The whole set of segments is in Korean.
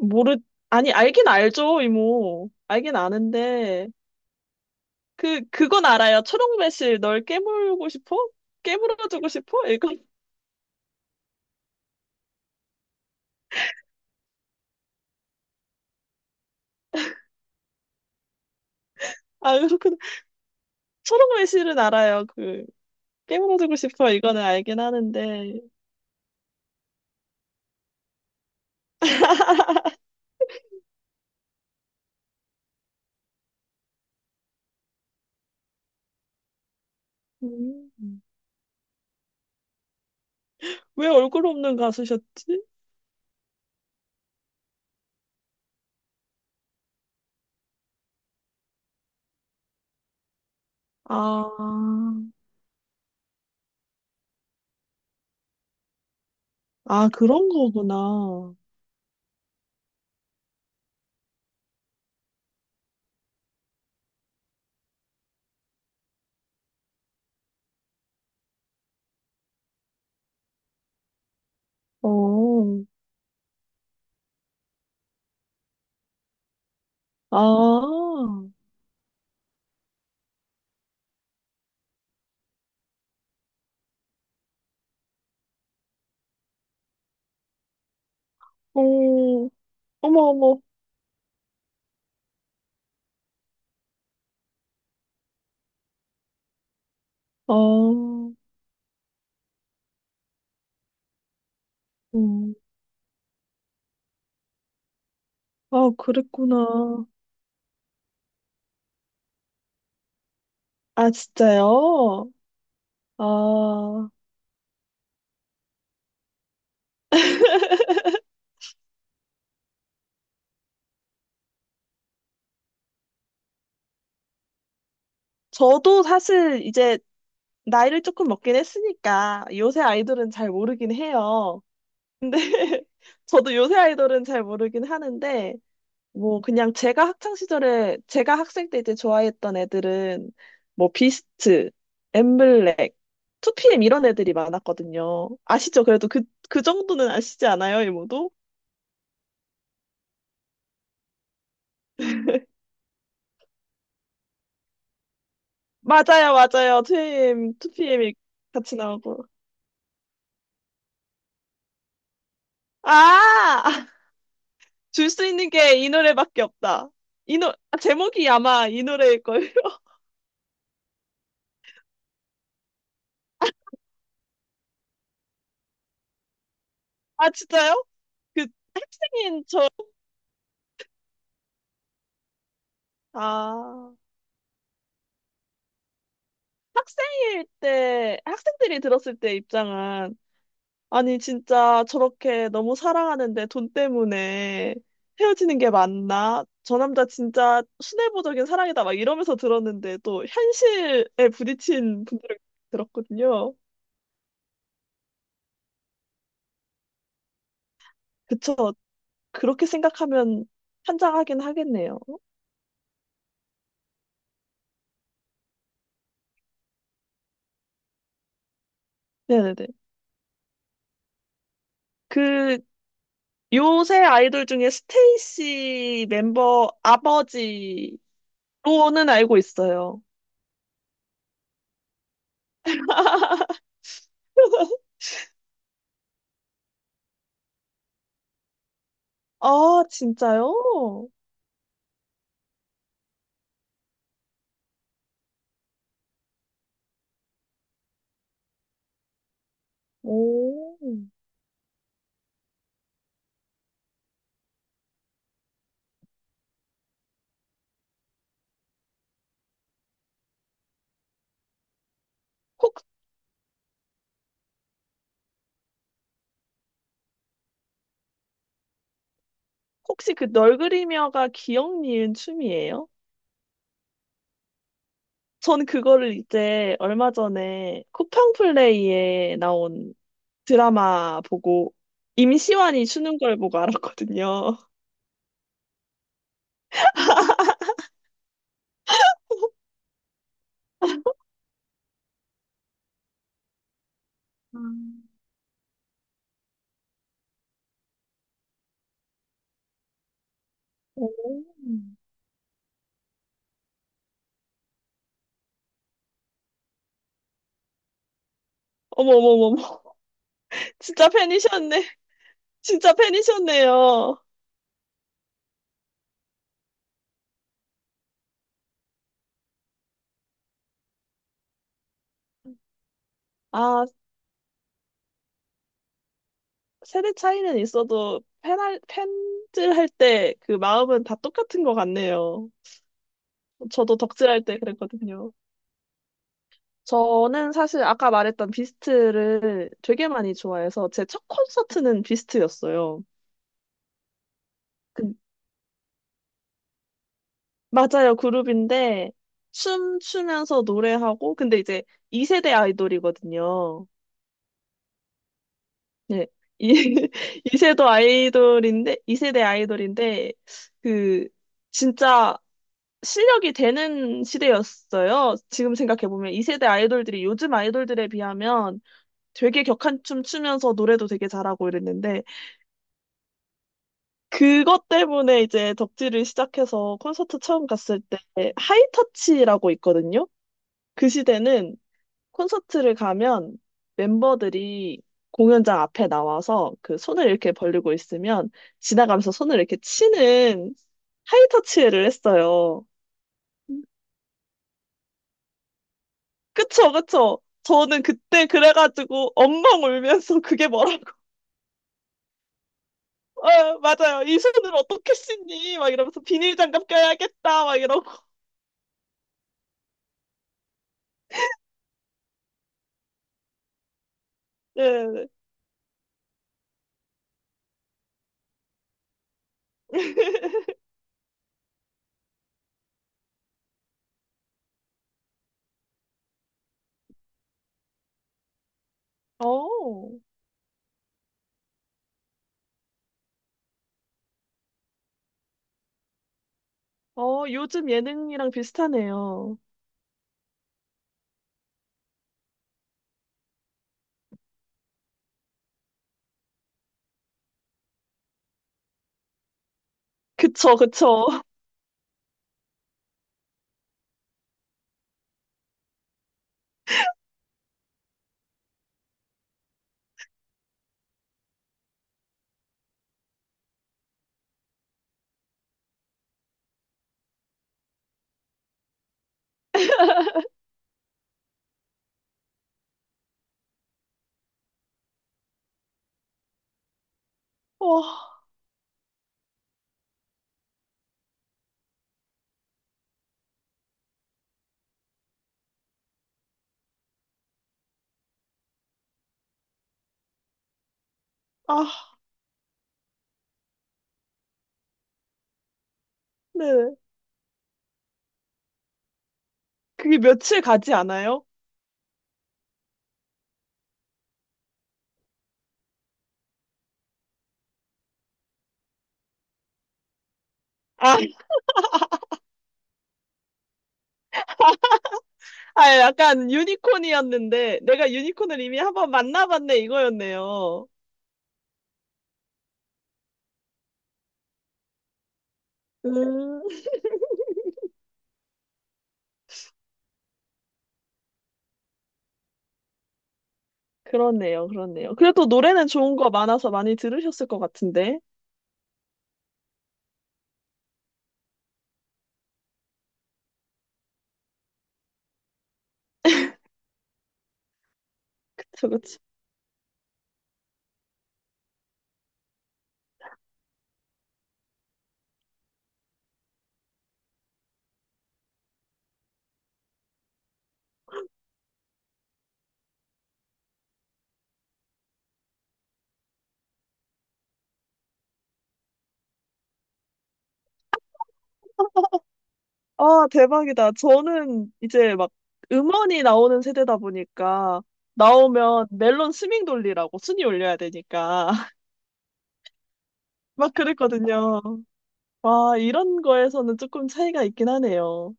모르, 아니, 알긴 알죠, 이모. 알긴 아는데. 그건 알아요. 초록매실, 널 깨물고 싶어? 깨물어주고 싶어? 이건, 아, 그렇구나. 초록매실은 알아요. 그, 깨물어주고 싶어. 이거는 알긴 하는데. 음. 왜 얼굴 없는 가수셨지? 아, 아, 그런 거구나. 어, 아, 어, 어머, 어머, 아, 어, 음. 아, 그랬구나. 아, 진짜요? 아, 저도 사실 이제 나이를 조금 먹긴 했으니까 요새 아이돌은 잘 모르긴 해요. 근데 저도 요새 아이돌은 잘 모르긴 하는데 뭐 그냥 제가 학창 시절에 제가 학생 때 이제 좋아했던 애들은 뭐 비스트, 엠블랙, 2PM 이런 애들이 많았거든요. 아시죠? 그래도 그, 그 정도는 아시지 않아요, 이모도? 맞아요, 맞아요. 2PM, 2PM이 같이 나오고. 아! 줄 수 있는 게 이 노래밖에 없다. 아, 제목이 아마 이 노래일걸. 아, 진짜요? 그 학생인 저, 아, 학생일 때, 학생들이 들었을 때 입장은, 아니, 진짜 저렇게 너무 사랑하는데 돈 때문에 헤어지는 게 맞나? 저 남자 진짜 순애보적인 사랑이다. 막 이러면서 들었는데, 또 현실에 부딪힌 분들을 들었거든요. 그쵸. 그렇게 생각하면 환장하긴 하겠네요. 네네네. 그 요새 아이돌 중에 스테이시 멤버 아버지로는 알고 있어요. 아, 진짜요? 오. 혹, 혹시 그 널 그리며가 기억 니은 춤이에요? 전 그거를 이제 얼마 전에 쿠팡플레이에 나온 드라마 보고 임시완이 추는 걸 보고 알았거든요. 음. 오. 어머머머머. 진짜 팬이셨네. 진짜 팬이셨네요. 아, 세대 차이는 있어도 팬할, 팬질할 때 그 마음은 다 똑같은 것 같네요. 저도 덕질할 때 그랬거든요. 저는 사실 아까 말했던 비스트를 되게 많이 좋아해서 제 첫 콘서트는 비스트였어요. 그- 맞아요, 그룹인데 춤추면서 노래하고 근데 이제 2세대 아이돌이거든요. 네. 이 2세대 아이돌인데 그 진짜 실력이 되는 시대였어요. 지금 생각해보면 2세대 아이돌들이 요즘 아이돌들에 비하면 되게 격한 춤 추면서 노래도 되게 잘하고 이랬는데 그것 때문에 이제 덕질을 시작해서 콘서트 처음 갔을 때 하이터치라고 있거든요. 그 시대는 콘서트를 가면 멤버들이 공연장 앞에 나와서 그 손을 이렇게 벌리고 있으면 지나가면서 손을 이렇게 치는 하이터치를 했어요. 그쵸, 그쵸. 저는 그때 그래가지고 엉엉 울면서 그게 뭐라고. 아, 맞아요. 이 손을 어떻게 씻니? 막 이러면서 비닐 장갑 껴야겠다. 막 이러고. 예. 어, 어, 요즘 예능이랑 비슷하네요. 그쵸, 그쵸. 어, 아, 네. 그게 며칠 가지 않아요? 아, 아, 약간 유니콘이었는데, 내가 유니콘을 이미 한번 만나봤네, 이거였네요. 음. 그렇네요, 그렇네요. 그래도 노래는 좋은 거 많아서 많이 들으셨을 것 같은데. 그쵸, 그쵸. 아, 대박이다. 저는 이제 막 음원이 나오는 세대다 보니까 나오면 멜론 스밍 돌리라고 순위 올려야 되니까 막 그랬거든요. 와, 이런 거에서는 조금 차이가 있긴 하네요.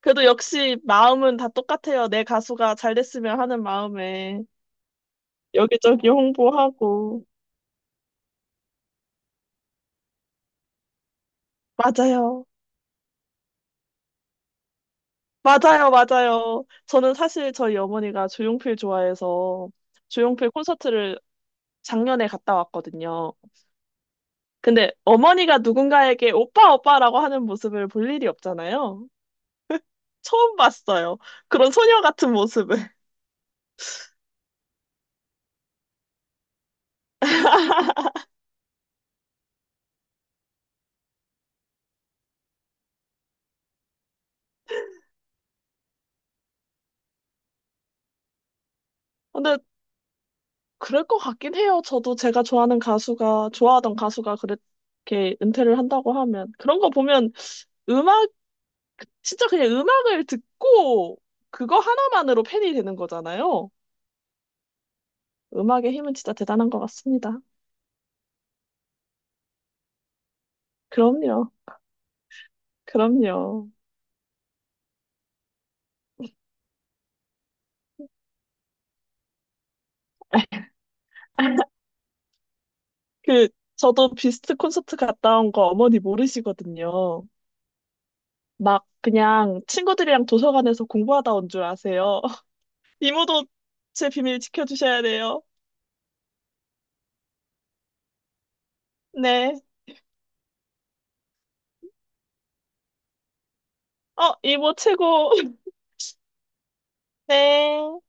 그래도 역시 마음은 다 똑같아요. 내 가수가 잘 됐으면 하는 마음에 여기저기 홍보하고. 맞아요. 맞아요, 맞아요. 저는 사실 저희 어머니가 조용필 좋아해서 조용필 콘서트를 작년에 갔다 왔거든요. 근데 어머니가 누군가에게 오빠, 오빠라고 하는 모습을 볼 일이 없잖아요. 처음 봤어요. 그런 소녀 같은 모습을. 근데 그럴 것 같긴 해요. 저도 제가 좋아하는 가수가, 좋아하던 가수가 그렇게 은퇴를 한다고 하면. 그런 거 보면 음악, 진짜 그냥 음악을 듣고 그거 하나만으로 팬이 되는 거잖아요. 음악의 힘은 진짜 대단한 것 같습니다. 그럼요. 그럼요. 그, 저도 비스트 콘서트 갔다 온 거 어머니 모르시거든요. 막 그냥 친구들이랑 도서관에서 공부하다 온 줄 아세요. 이모도 제 비밀 지켜주셔야 돼요. 네. 어, 이모 최고. 네.